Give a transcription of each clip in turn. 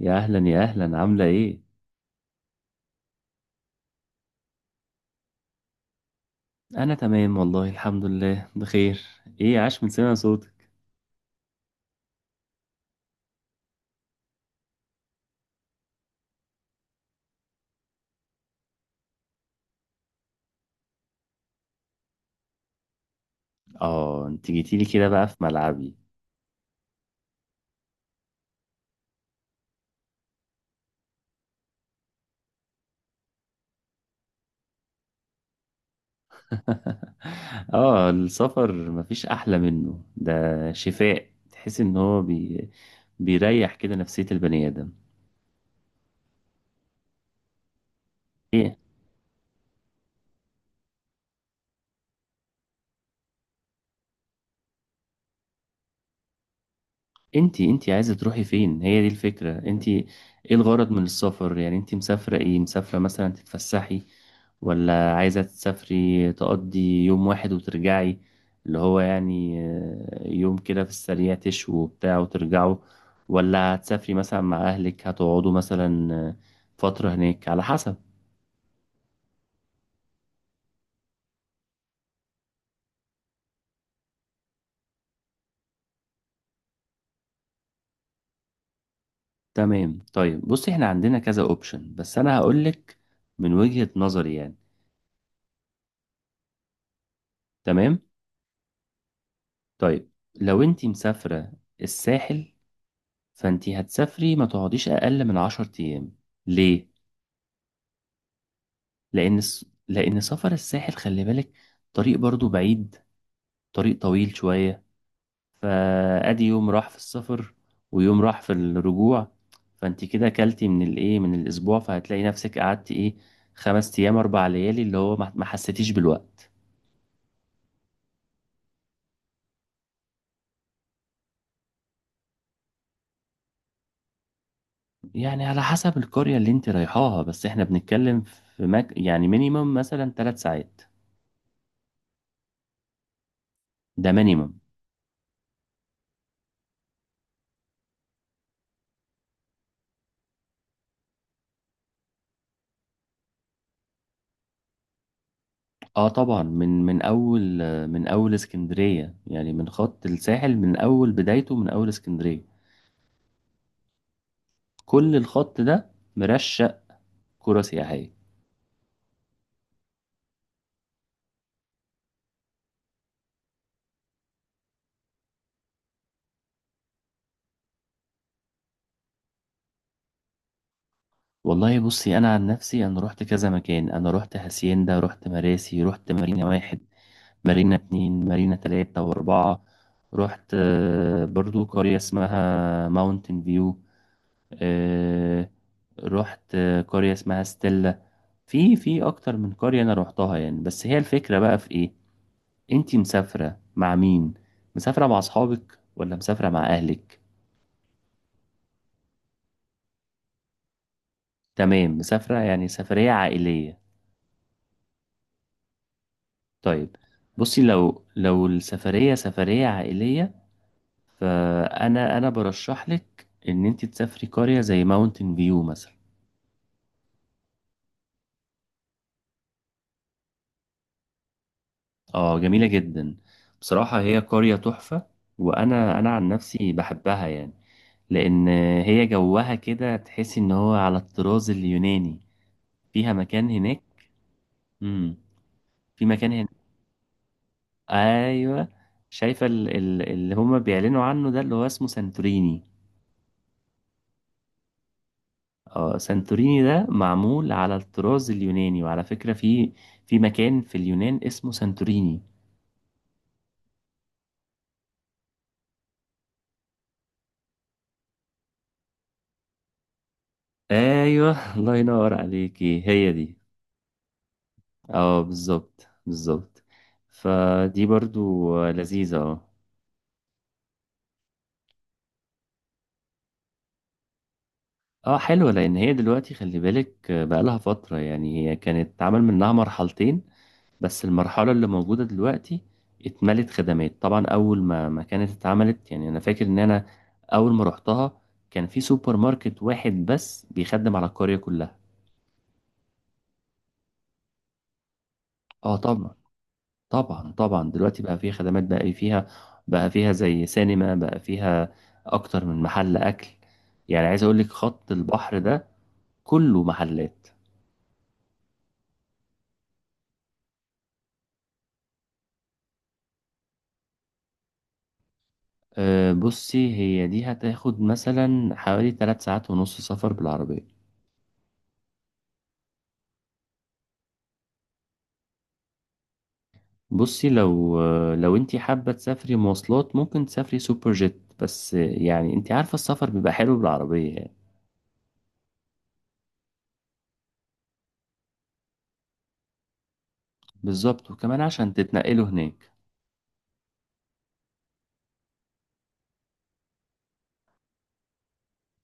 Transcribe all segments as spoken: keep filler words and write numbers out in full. يا اهلا يا اهلا عامله ايه. انا تمام والله الحمد لله بخير. ايه عاش من سمع صوتك. اه انت جيتيلي كده بقى في ملعبي. اه السفر مفيش احلى منه ده. شفاء تحس ان هو بي... بيريح كده نفسية البني ادم. إيه، انتي انتي عايزة تروحي فين؟ هي دي الفكرة. انتي ايه الغرض من السفر؟ يعني انتي مسافرة ايه؟ مسافرة مثلا تتفسحي، ولا عايزة تسافري تقضي يوم واحد وترجعي؟ اللي هو يعني آه، يوم كده في السريع تشوا وبتاع وترجعوا، ولا هتسافري مثلا مع أهلك هتقعدوا مثلا آه، فترة هناك على حسب. تمام. طيب بصي احنا عندنا كذا اوبشن، بس انا هقولك من وجهة نظري يعني. تمام. طيب لو انتي مسافرة الساحل، فانتي هتسافري ما تقعديش اقل من عشر ايام. ليه؟ لان الس- لان سفر الساحل، خلي بالك، طريق برضو بعيد، طريق طويل شوية. فادي يوم راح في السفر، ويوم راح في الرجوع. فانتي كده كلتي من الايه، من الاسبوع، فهتلاقي نفسك قعدتي ايه، خمس ايام اربع ليالي، اللي هو ما ما حسيتيش بالوقت. يعني على حسب القرية اللي انت رايحاها، بس احنا بنتكلم في مك... يعني مينيمم مثلا ثلاث ساعات. ده مينيمم. اه طبعا، من من اول، من اول اسكندريه، يعني من خط الساحل، من اول بدايته، من اول اسكندريه، كل الخط ده مرشق قرى سياحيه. والله بصي، انا عن نفسي انا رحت كذا مكان. انا رحت هاسيندا، رحت مراسي، رحت مارينا واحد، مارينا اتنين، مارينا تلاتة واربعة. رحت آه، برضو قرية اسمها ماونتن فيو، آه، رحت آه، قرية اسمها ستيلا. في في اكتر من قرية انا روحتها يعني. بس هي الفكرة بقى في ايه، انتي مسافرة مع مين؟ مسافرة مع اصحابك ولا مسافرة مع اهلك؟ تمام، مسافرة يعني سفرية عائلية. طيب بصي، لو لو السفرية سفرية عائلية، فانا انا برشح لك ان انتي تسافري قرية زي ماونتن فيو مثلا. اه جميلة جدا، بصراحة هي قرية تحفة. وانا انا عن نفسي بحبها يعني، لان هي جوها كده تحسي ان هو على الطراز اليوناني. فيها مكان هناك. امم في مكان هناك. ايوه، شايفه ال- ال- اللي هما بيعلنوا عنه ده، اللي هو اسمه سانتوريني. اه سانتوريني ده معمول على الطراز اليوناني، وعلى فكره في في مكان في اليونان اسمه سانتوريني. ايوه الله ينور عليكي، هي دي. اه بالظبط بالظبط، فدي برضو لذيذه اه. اه حلوه، لان هي دلوقتي خلي بالك بقى، لها فتره يعني، هي كانت اتعمل منها مرحلتين، بس المرحلة اللي موجودة دلوقتي اتملت خدمات. طبعا أول ما ما كانت اتعملت، يعني أنا فاكر إن أنا أول ما رحتها كان في سوبر ماركت واحد بس بيخدم على القرية كلها. اه طبعا. طبعا طبعا دلوقتي بقى فيها خدمات، بقى فيها بقى فيها زي سينما، بقى فيها أكتر من محل أكل. يعني عايز أقولك خط البحر ده كله محلات. أه بصي، هي دي هتاخد مثلا حوالي ثلاث ساعات ونص ساعات ونص سفر بالعربية. بصي، لو لو انت حابة تسافري مواصلات، ممكن تسافري سوبر جيت، بس يعني انت عارفة السفر بيبقى حلو بالعربية يعني. بالظبط، وكمان عشان تتنقلوا هناك.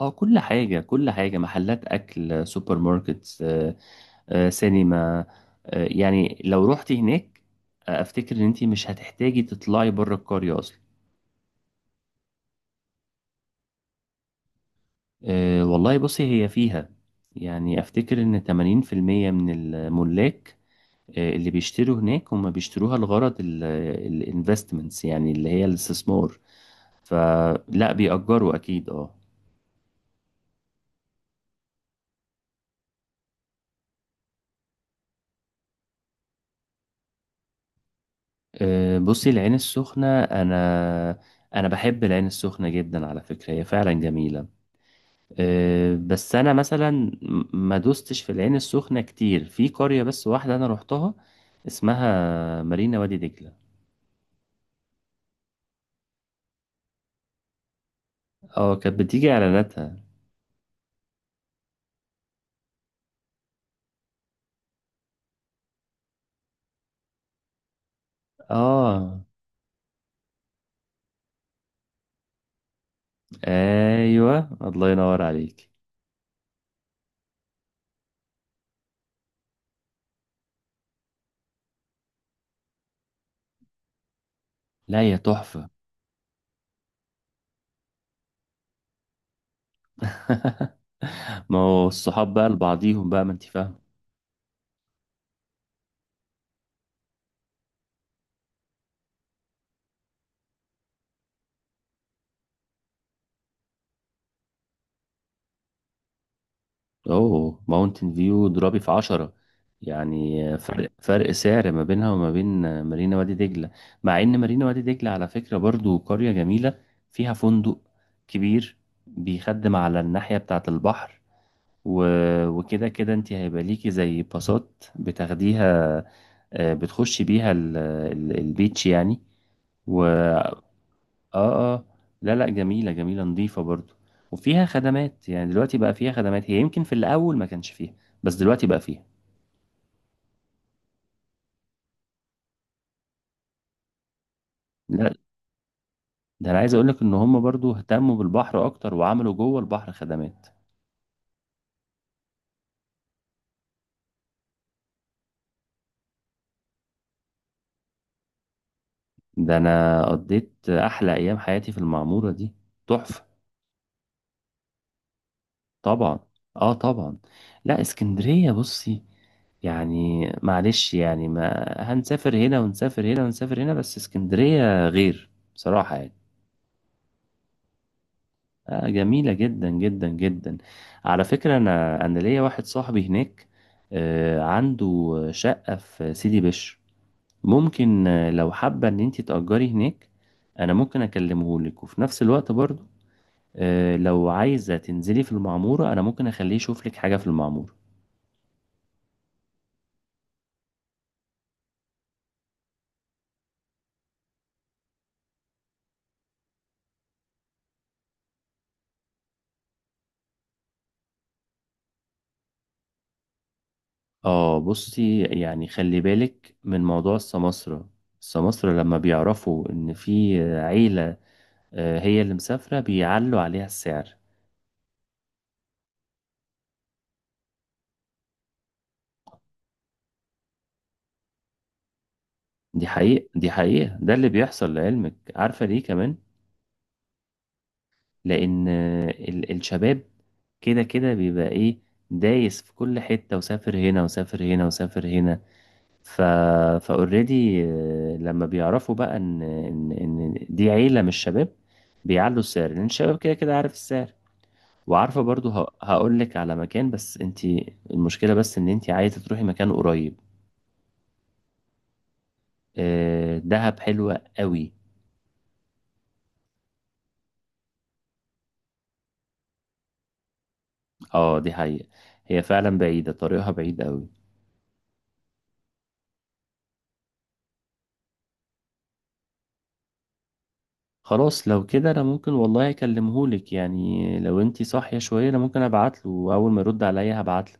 اه كل حاجة، كل حاجة، محلات أكل، سوبر ماركتس، آه، آه، سينما، آه، يعني لو روحتي هناك، آه، أفتكر إن أنت مش هتحتاجي تطلعي بره القرية أصلا. آه، والله بصي هي فيها، يعني أفتكر إن ثمانين في المئة من الملاك، آه، اللي بيشتروا هناك هم بيشتروها لغرض الانفستمنتس، يعني اللي هي الاستثمار. فلا بيأجروا أكيد اه. آه، بصي العين السخنة، أنا أنا بحب العين السخنة جدا على فكرة، هي فعلا جميلة. آه، بس أنا مثلا م- ما دوستش في العين السخنة كتير، في قرية بس واحدة أنا روحتها اسمها مارينا وادي دجلة. اه كانت بتيجي إعلاناتها. اه أيوه الله ينور عليك. لا هي تحفة. ما هو الصحاب بقى لبعضيهم بقى، ما انت فاهم. اوه ماونتن فيو ضربي في عشرة، يعني فرق فرق سعر ما بينها وما بين مارينا وادي دجلة. مع ان مارينا وادي دجلة على فكرة برضو قرية جميلة، فيها فندق كبير بيخدم على الناحية بتاعة البحر. و- وكده كده انت هيبقى ليكي زي باصات بتاخديها، آه، بتخشي بيها ال- ال- البيتش يعني، و- اه اه. لا لا جميلة، جميلة نظيفة برضو، وفيها خدمات. يعني دلوقتي بقى فيها خدمات، هي يمكن في الأول ما كانش فيها، بس دلوقتي بقى فيها. لا ده أنا عايز أقولك إن هم برضو اهتموا بالبحر أكتر، وعملوا جوه البحر خدمات. ده أنا قضيت أحلى أيام حياتي في المعمورة دي، تحفة. طبعا. اه طبعا. لا اسكندرية بصي، يعني معلش يعني، ما هنسافر هنا ونسافر هنا ونسافر هنا، بس اسكندرية غير بصراحة يعني. آه، جميلة جدا جدا جدا. على فكرة أنا، أنا ليا واحد صاحبي هناك، آه، عنده شقة في سيدي بشر. ممكن آه، لو حابة إن أنت تأجري هناك، أنا ممكن أكلمه لك. وفي نفس الوقت برضو آه، لو عايزة تنزلي في المعمورة، أنا ممكن أخليه يشوف لك حاجة في المعمورة. آه بصي، يعني خلي بالك من موضوع السماسرة. السماسرة لما بيعرفوا إن في عيلة آه، هي اللي مسافرة، بيعلوا عليها السعر. دي حقيقة، دي حقيقة، ده اللي بيحصل. لعلمك، عارفة ليه كمان؟ لأن آه، ال- الشباب كده كده بيبقى إيه، دايس في كل حتة، وسافر هنا وسافر هنا وسافر هنا. ف فاوريدي لما بيعرفوا بقى إن إن إن دي عيلة من الشباب، بيعلوا السعر، لأن الشباب كده كده عارف السعر وعارفة برضو. هقول لك على مكان، بس انت، المشكلة بس ان انت عايزة تروحي مكان قريب. آه، دهب حلوة قوي. اه دي حقيقة، هي فعلا بعيدة طريقها بعيد قوي. خلاص لو كده انا ممكن والله اكلمهولك، يعني لو انتي صاحية شوية انا ممكن ابعتله، واول ما يرد عليا هبعتله.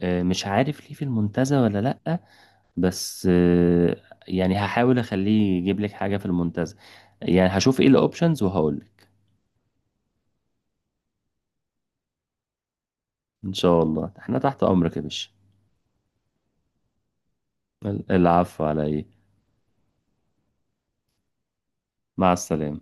آه، مش عارف ليه في المنتزه ولا لأ، بس آه، يعني هحاول اخليه يجيب لك حاجة في المنتزه. يعني هشوف ايه الاوبشنز وهقولك. ان شاء الله احنا تحت امرك يا باشا. العفو على ايه. مع السلامة.